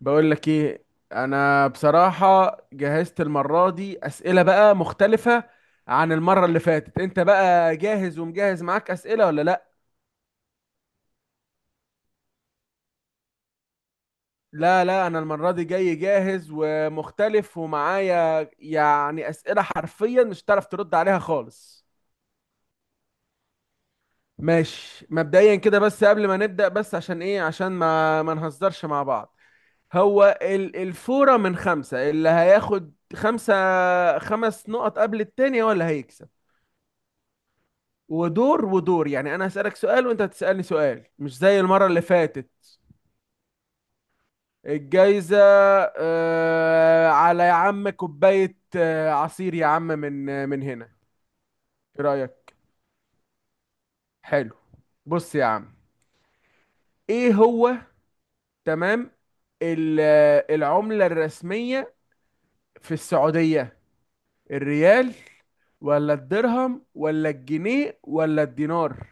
بقول لك ايه. انا بصراحة جهزت المرة دي اسئلة بقى مختلفة عن المرة اللي فاتت. انت بقى جاهز ومجهز معاك اسئلة ولا لا؟ لا لا، انا المرة دي جاي جاهز ومختلف ومعايا يعني اسئلة حرفيا مش هتعرف ترد عليها خالص. ماشي، مبدئيا كده، بس قبل ما نبدأ، بس عشان ايه، عشان ما نهزرش مع بعض. هو الفورة من خمسة، اللي هياخد خمسة خمس نقط قبل التانية ولا هيكسب؟ ودور يعني، انا هسألك سؤال وانت هتسألني سؤال، مش زي المرة اللي فاتت. الجايزة على يا عم، كوباية عصير يا عم من من هنا. ايه رأيك؟ حلو. بص يا عم، ايه هو؟ تمام. العملة الرسمية في السعودية، الريال ولا الدرهم ولا الجنيه ولا الدينار؟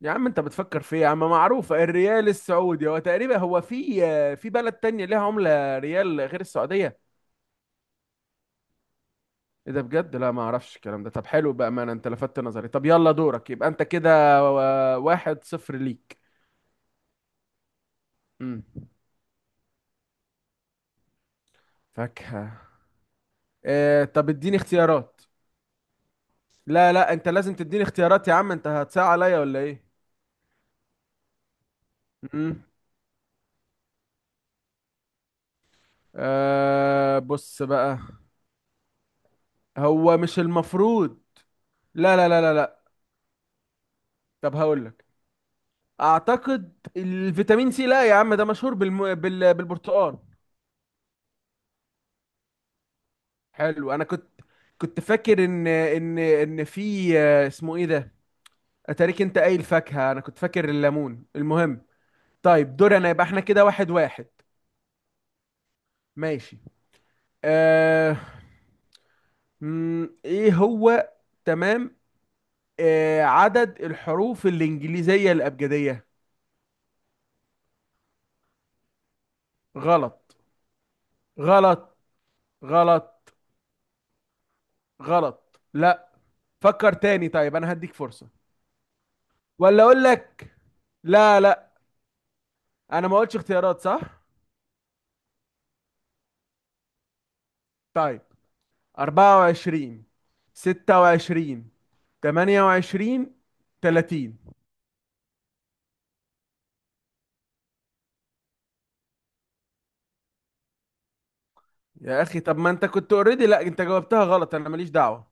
يا عم انت بتفكر في ايه يا عم؟ معروفة، الريال السعودي. هو تقريبا، هو في بلد تانية ليها عملة ريال غير السعودية؟ ايه ده بجد؟ لا، ما اعرفش الكلام ده. طب حلو، بأمانة انت لفتت نظري. طب يلا دورك، يبقى انت كده واحد صفر ليك. امم فاكهة. اه طب اديني اختيارات. لا لا، انت لازم تديني اختيارات يا عم، انت هتساعد عليا ولا ايه؟ امم اه بص بقى، هو مش المفروض. لا لا لا لا لا. طب هقول لك، اعتقد الفيتامين سي، لا يا عم، ده مشهور بالبرتقال. حلو. انا كنت، كنت فاكر ان في، اسمه ايه ده، اتاريك انت قايل فاكهة، انا كنت فاكر الليمون. المهم، طيب دور انا، يبقى احنا كده واحد واحد. ماشي. آه... ايه هو. تمام. عدد الحروف الانجليزية الابجدية. غلط. غلط. غلط. غلط. لا، فكر تاني، طيب انا هديك فرصة. ولا اقول لك؟ لا لا، انا ما قلتش اختيارات صح. طيب، 24، 26، 28، 30. يا اخي طب ما انت كنت اوريدي، لا انت جاوبتها غلط، انا ماليش دعوة.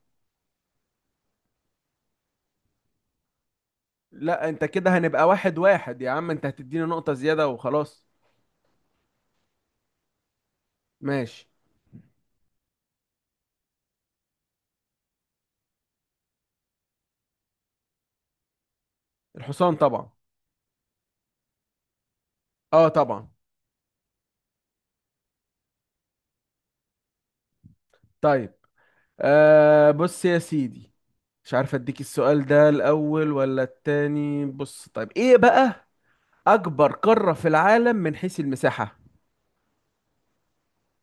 لا، انت كده هنبقى واحد واحد يا عم، انت هتديني نقطة زيادة وخلاص. ماشي. الحصان طبعا. اه طبعا. طيب، بص يا سيدي، مش عارف اديك السؤال ده الاول ولا التاني. بص طيب، ايه بقى؟ أكبر قارة في العالم من حيث المساحة.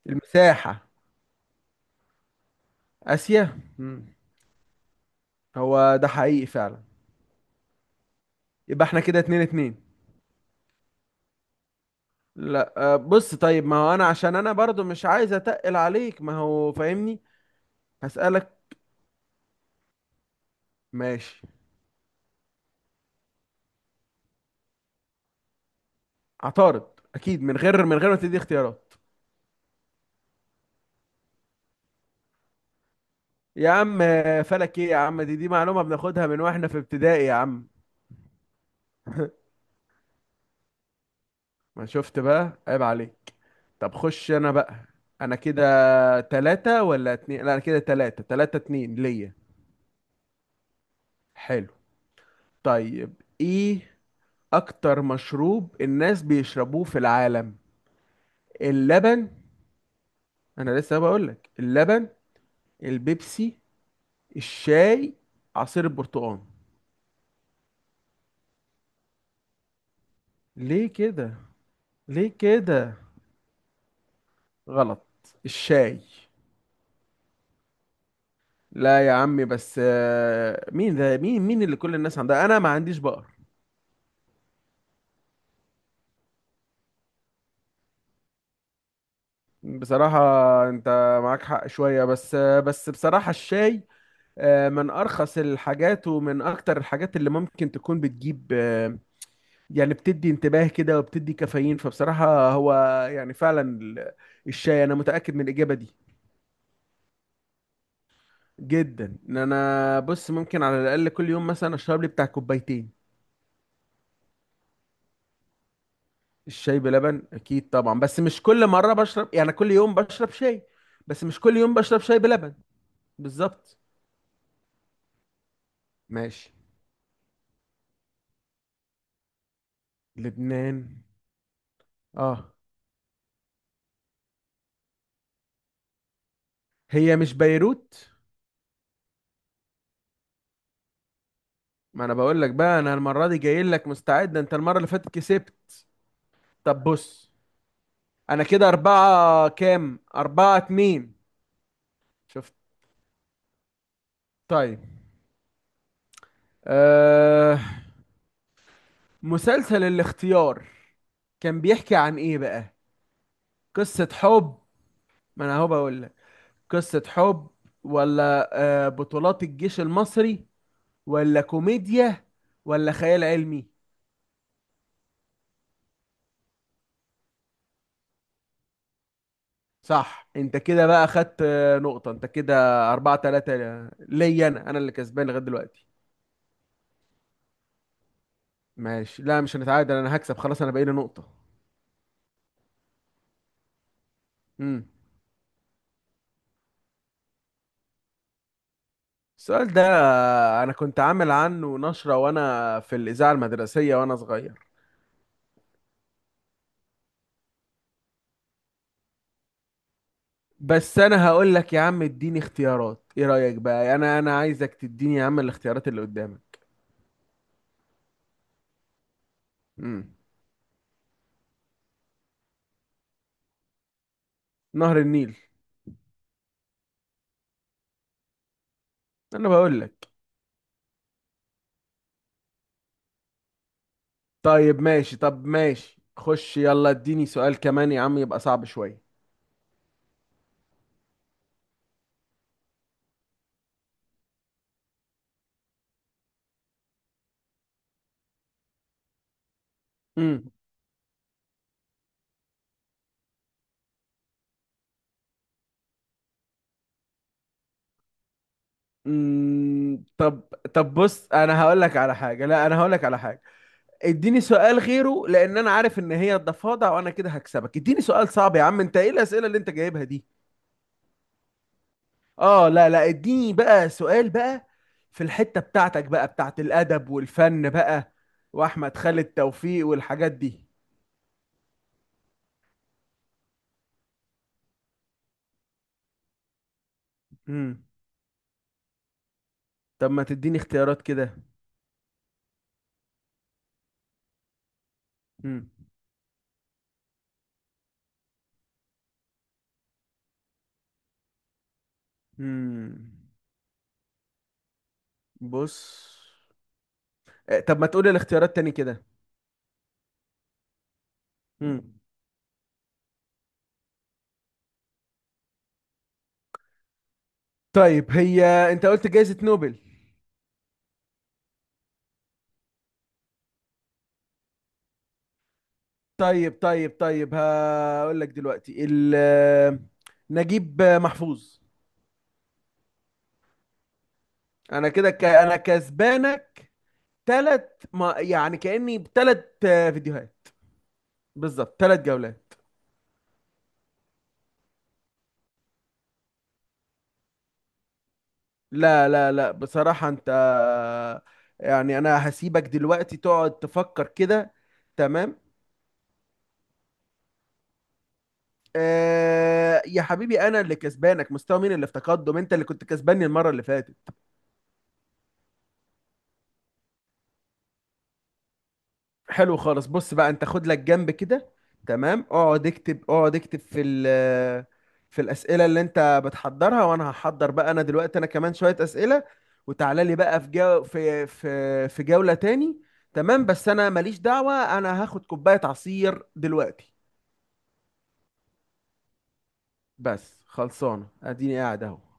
المساحة. آسيا. مم. هو ده حقيقي فعلا. يبقى احنا كده اتنين اتنين. لا، بص طيب، ما هو أنا عشان أنا برضو مش عايز أتقل عليك، ما هو فاهمني. هسألك. ماشي. عطارد أكيد، من غير ما تدي اختيارات. يا عم فلك إيه يا عم، دي معلومة بناخدها من وإحنا في ابتدائي يا عم. ما شفت بقى، عيب عليك. طب خش أنا بقى. أنا كده تلاتة ولا اتنين؟ لا، أنا كده تلاتة اتنين ليا. حلو. طيب، ايه اكتر مشروب الناس بيشربوه في العالم؟ اللبن، انا لسه بقولك: اللبن، البيبسي، الشاي، عصير البرتقال. ليه كده؟ ليه كده؟ غلط. الشاي. لا يا عمي بس، مين ده مين مين اللي كل الناس عندها؟ انا ما عنديش بقر. بصراحة انت معاك حق شوية، بس بس بصراحة الشاي من ارخص الحاجات ومن اكتر الحاجات اللي ممكن تكون بتجيب، يعني بتدي انتباه كده وبتدي كافيين. فبصراحة هو يعني فعلا الشاي، انا متأكد من الإجابة دي. جدا. انا بص، ممكن على الأقل كل يوم مثلا اشرب لي بتاع كوبايتين. الشاي بلبن اكيد طبعا، بس مش كل مرة بشرب، يعني كل يوم بشرب شاي بس مش كل يوم بشرب شاي بلبن. بالظبط. ماشي. لبنان. اه. هي مش بيروت؟ ما انا بقول لك بقى، انا المرة دي جاي لك مستعد، انت المرة اللي فاتت كسبت. طب بص، انا كده اربعة كام؟ اربعة اتنين. شفت. طيب. أه... مسلسل الاختيار كان بيحكي عن ايه بقى؟ قصة حب، ما انا اهو بقول لك، قصة حب، ولا أه بطولات الجيش المصري، ولا كوميديا، ولا خيال علمي؟ صح. انت كده بقى خدت نقطة. انت كده اربعة تلاتة، ليا انا اللي كسبان لغاية دلوقتي. ماشي، لا مش هنتعادل، انا هكسب خلاص، انا بقالي نقطة. امم السؤال ده انا كنت عامل عنه نشرة وانا في الإذاعة المدرسية وانا صغير. بس انا هقول لك يا عم، اديني اختيارات، ايه رأيك بقى؟ انا عايزك تديني يا عم الاختيارات اللي قدامك. امم نهر النيل. انا بقول لك. طيب ماشي، طب ماشي خش يلا، اديني سؤال كمان يا عم يبقى صعب شوية. امم طب. طب بص، انا هقول لك على حاجة، لا انا هقول لك على حاجة، اديني سؤال غيره، لان انا عارف ان هي الضفادع وانا كده هكسبك، اديني سؤال صعب يا عم. انت ايه الاسئله اللي انت جايبها دي؟ اه لا لا، اديني بقى سؤال بقى في الحته بتاعتك بقى، بتاعت الادب والفن بقى، واحمد خالد توفيق والحاجات دي. امم طب ما تديني اختيارات كده. امم امم بص، طب ما تقولي الاختيارات تاني كده. امم طيب هي، انت قلت جائزه نوبل. طيب طيب طيب، هقول لك دلوقتي، نجيب محفوظ. انا كده انا كسبانك ثلاث، ما... يعني كأني بثلاث فيديوهات. بالظبط، ثلاث جولات. لا لا لا، بصراحة انت، يعني انا هسيبك دلوقتي تقعد تفكر كده. تمام. يا حبيبي، انا اللي كسبانك، مستوى مين اللي في تقدم؟ انت اللي كنت كسباني المرة اللي فاتت. حلو خالص، بص بقى انت خد لك جنب كده. تمام، اقعد اكتب، اقعد اكتب في في الاسئله اللي انت بتحضرها، وانا هحضر بقى. انا دلوقتي انا كمان شويه اسئله، وتعالى لي بقى في جو في في في جوله تاني. تمام، بس انا ماليش دعوه، انا هاخد كوبايه عصير دلوقتي. بس خلصانه، اديني قاعد اهو.